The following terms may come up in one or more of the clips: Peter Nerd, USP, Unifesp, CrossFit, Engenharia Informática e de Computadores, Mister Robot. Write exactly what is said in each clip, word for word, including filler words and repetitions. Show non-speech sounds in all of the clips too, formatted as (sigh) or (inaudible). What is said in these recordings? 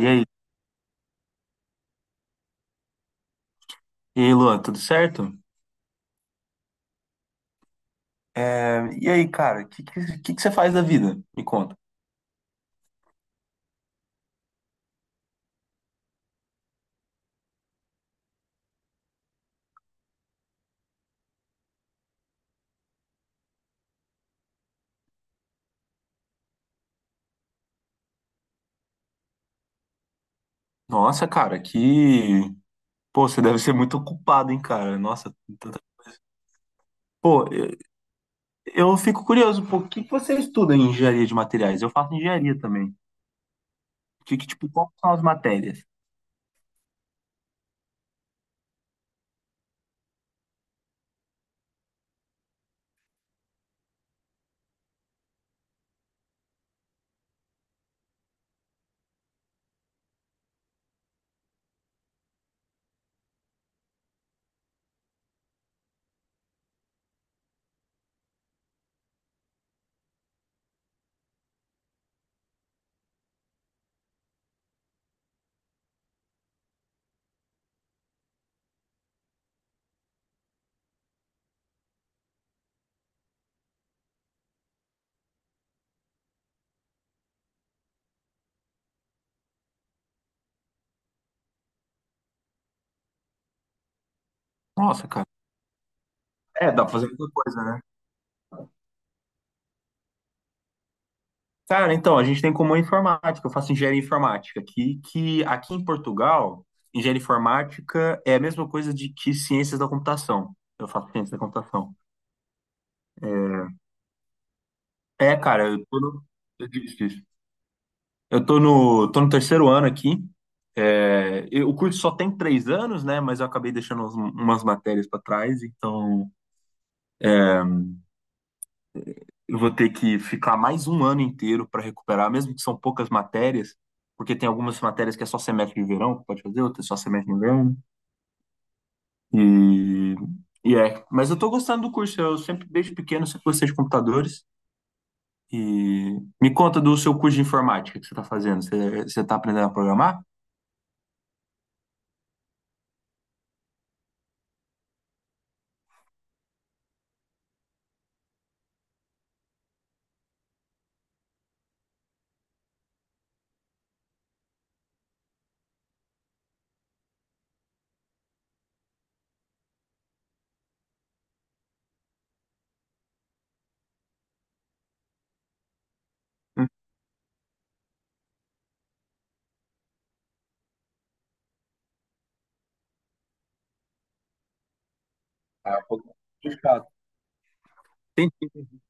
E aí, e aí, Luan, tudo certo? É, e aí, cara, o que, que, que que você faz da vida? Me conta. Nossa, cara, que. Pô, você deve ser muito ocupado, hein, cara? Nossa. tanta- Pô, eu, eu fico curioso, pô, o que que você estuda em engenharia de materiais? Eu faço engenharia também. Que, que, tipo, quais são as matérias? Nossa, cara. É, dá pra fazer muita coisa, né? Cara, então, a gente tem como informática, eu faço engenharia informática, que, que aqui em Portugal, engenharia informática é a mesma coisa de que ciências da computação. Eu faço ciências da computação. É, cara, eu tô no, isso, isso. eu tô no, tô no terceiro ano aqui. É, eu- o curso só tem três anos, né? Mas eu acabei deixando uns- umas matérias para trás, então eu vou ter que ficar mais um ano inteiro para recuperar, mesmo que são poucas matérias, porque tem algumas matérias que é só semestre de verão, que pode fazer, outras é só semestre de inverno. E, e é, mas eu tô gostando do curso. Eu sempre, desde pequeno, sempre gostei de computadores. E me conta do seu curso de informática que você está fazendo. Você, você tá aprendendo a programar? Ah, um pouco chato. Entendi.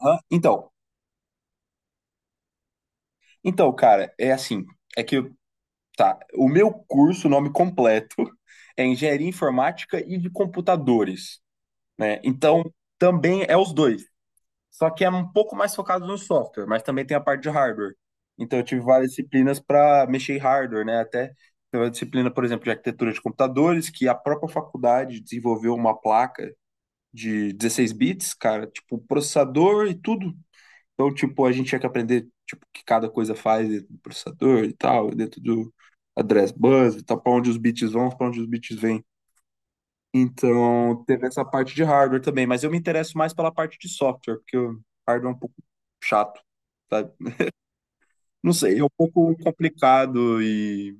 Aham. Então, então, cara, é assim, é que, tá, o meu curso, o nome completo, (laughs) é Engenharia Informática e de Computadores, né? Então, também é os dois, só que é um pouco mais focado no software, mas também tem a parte de hardware. Então, eu tive várias disciplinas para mexer em hardware, né? Até teve a disciplina, por exemplo, de arquitetura de computadores, que a própria faculdade desenvolveu uma placa de dezesseis bits, cara, tipo processador e tudo. Então, tipo, a gente tinha que aprender, tipo, o que cada coisa faz dentro do processador e tal, dentro do address bus e tal, para onde os bits vão, para onde os bits vêm. Então, teve essa parte de hardware também, mas eu me interesso mais pela parte de software, porque o hardware é um pouco chato, sabe? Não sei, é um pouco complicado e,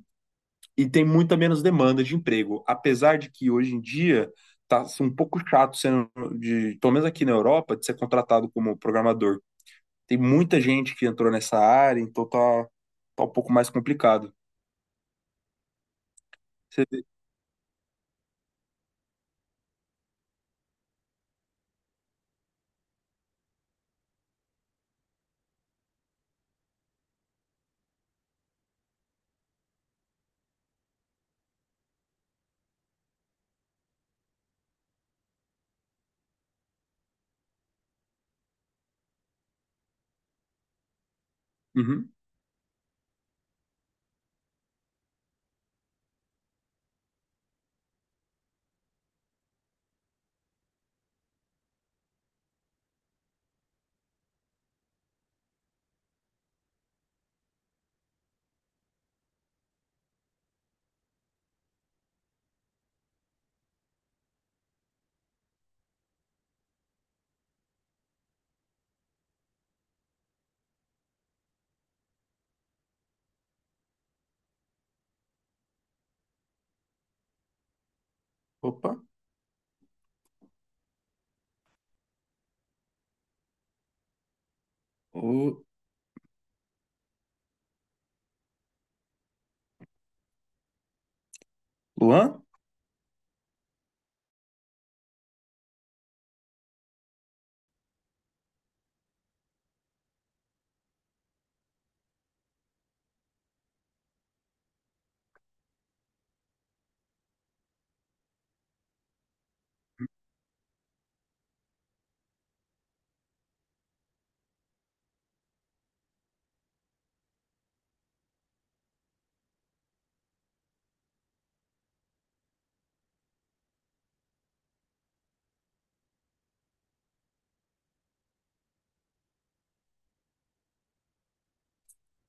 e tem muita menos demanda de emprego, apesar de que hoje em dia tá assim, um pouco chato sendo de, pelo menos aqui na Europa, de ser contratado como programador. Tem muita gente que entrou nessa área, então tá, tá um pouco mais complicado. Você vê. Uhum. Opa. O Luan?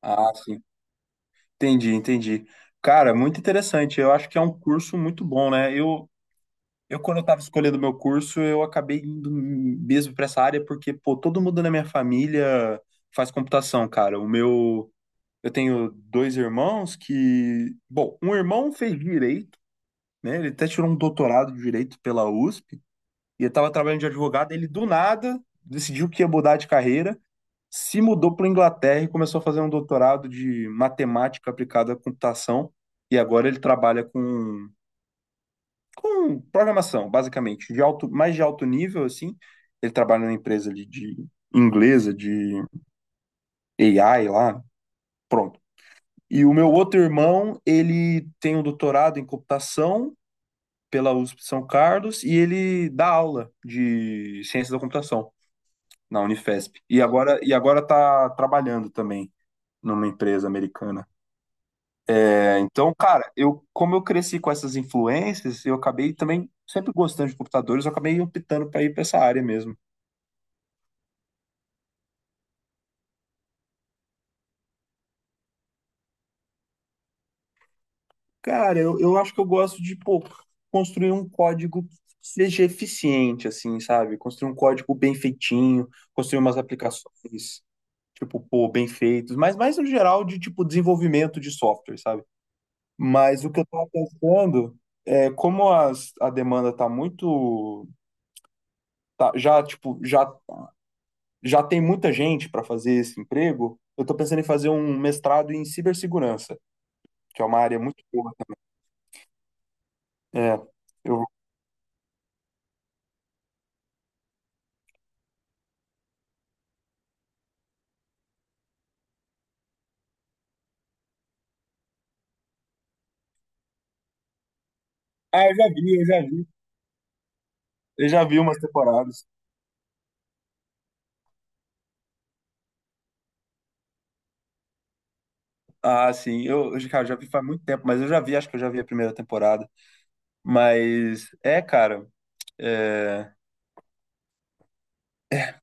Ah, sim. Entendi, entendi. Cara, muito interessante. Eu acho que é um curso muito bom, né? Eu, eu quando eu estava escolhendo meu curso, eu acabei indo mesmo para essa área porque, pô, todo mundo na minha família faz computação, cara. O meu, eu tenho dois irmãos que, bom, um irmão fez direito, né? Ele até tirou um doutorado de direito pela U S P. E eu estava trabalhando de advogado, ele do nada decidiu que ia mudar de carreira, se mudou para Inglaterra e começou a fazer um doutorado de matemática aplicada à computação. E agora ele trabalha com, com programação, basicamente, de alto, mais de alto nível, assim. Ele trabalha numa empresa ali de inglesa, de A I lá, pronto. E o meu outro irmão, ele tem um doutorado em computação pela U S P de São Carlos e ele dá aula de ciência da computação na Unifesp. E agora, e agora tá trabalhando também numa empresa americana. É, então, cara, eu como eu cresci com essas influências, eu acabei também sempre gostando de computadores, eu acabei optando para ir para essa área mesmo. Cara, eu, eu acho que eu gosto de, pô, construir um código que seja eficiente, assim, sabe? Construir um código bem feitinho, construir umas aplicações, tipo, pô, bem feitos, mas mais no geral de, tipo, desenvolvimento de software, sabe? Mas o que eu estava pensando é como as, a demanda está muito, tá- já tipo, já já tem muita gente para fazer esse emprego. Eu estou pensando em fazer um mestrado em cibersegurança, que é uma área muito boa. É, eu, ah, eu já vi, eu já vi, eu já vi umas temporadas. Ah, sim, eu, eu, cara, já vi faz muito tempo, mas eu já vi, acho que eu já vi a primeira temporada. Mas é, cara.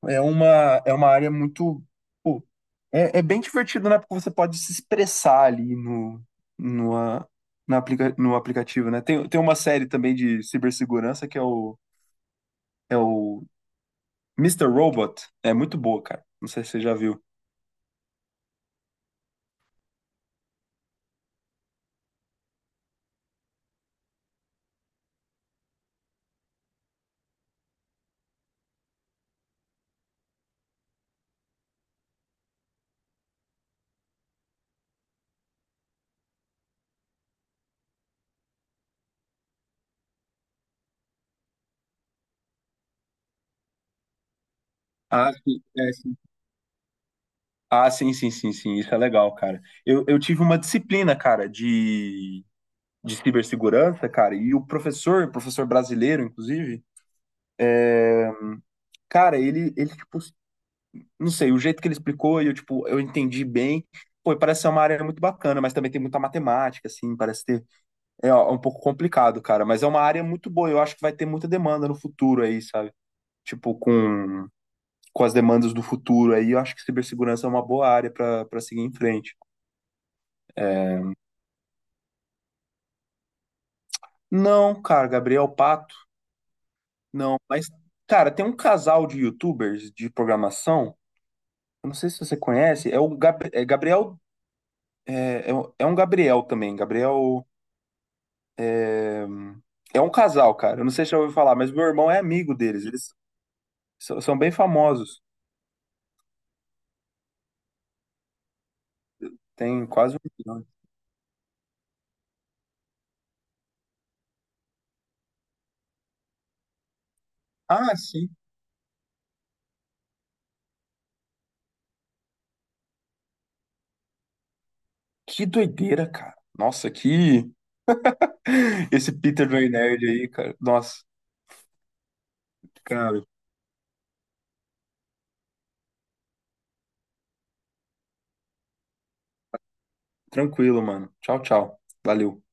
É uma, é uma área muito. Pô, é, é bem divertido, né? Porque você pode se expressar ali no, no, ah, na aplica, no aplicativo, né? Tem, tem uma série também de cibersegurança que é o, é o Mister Robot. É muito boa, cara. Não sei se você já viu. Ah, sim, é, sim. Ah, sim, sim, sim, sim. Isso é legal, cara. Eu, eu tive uma disciplina, cara, de, de cibersegurança, cara, e o professor, professor brasileiro, inclusive, cara, ele, ele, tipo, não sei, o jeito que ele explicou e eu, tipo, eu entendi bem. Pô, e parece ser uma área muito bacana, mas também tem muita matemática, assim, parece ter. É ó, um pouco complicado, cara, mas é uma área muito boa. Eu acho que vai ter muita demanda no futuro aí, sabe? Tipo, com, com as demandas do futuro aí, eu acho que cibersegurança é uma boa área pra para seguir em frente. Não, cara, Gabriel Pato, não. Mas, cara, tem um casal de YouTubers de programação, eu não sei se você conhece, é o Gab- é Gabriel. É, é, um- é um Gabriel também, Gabriel. É é um casal, cara. Eu não sei se já ouviu falar, mas meu irmão é amigo deles. Eles so- são bem famosos. Tem quase um milhão. Ah, sim. Que doideira, cara. Nossa, que. (laughs) Esse Peter Nerd aí, cara. Nossa, cara. Tranquilo, mano. Tchau, tchau. Valeu.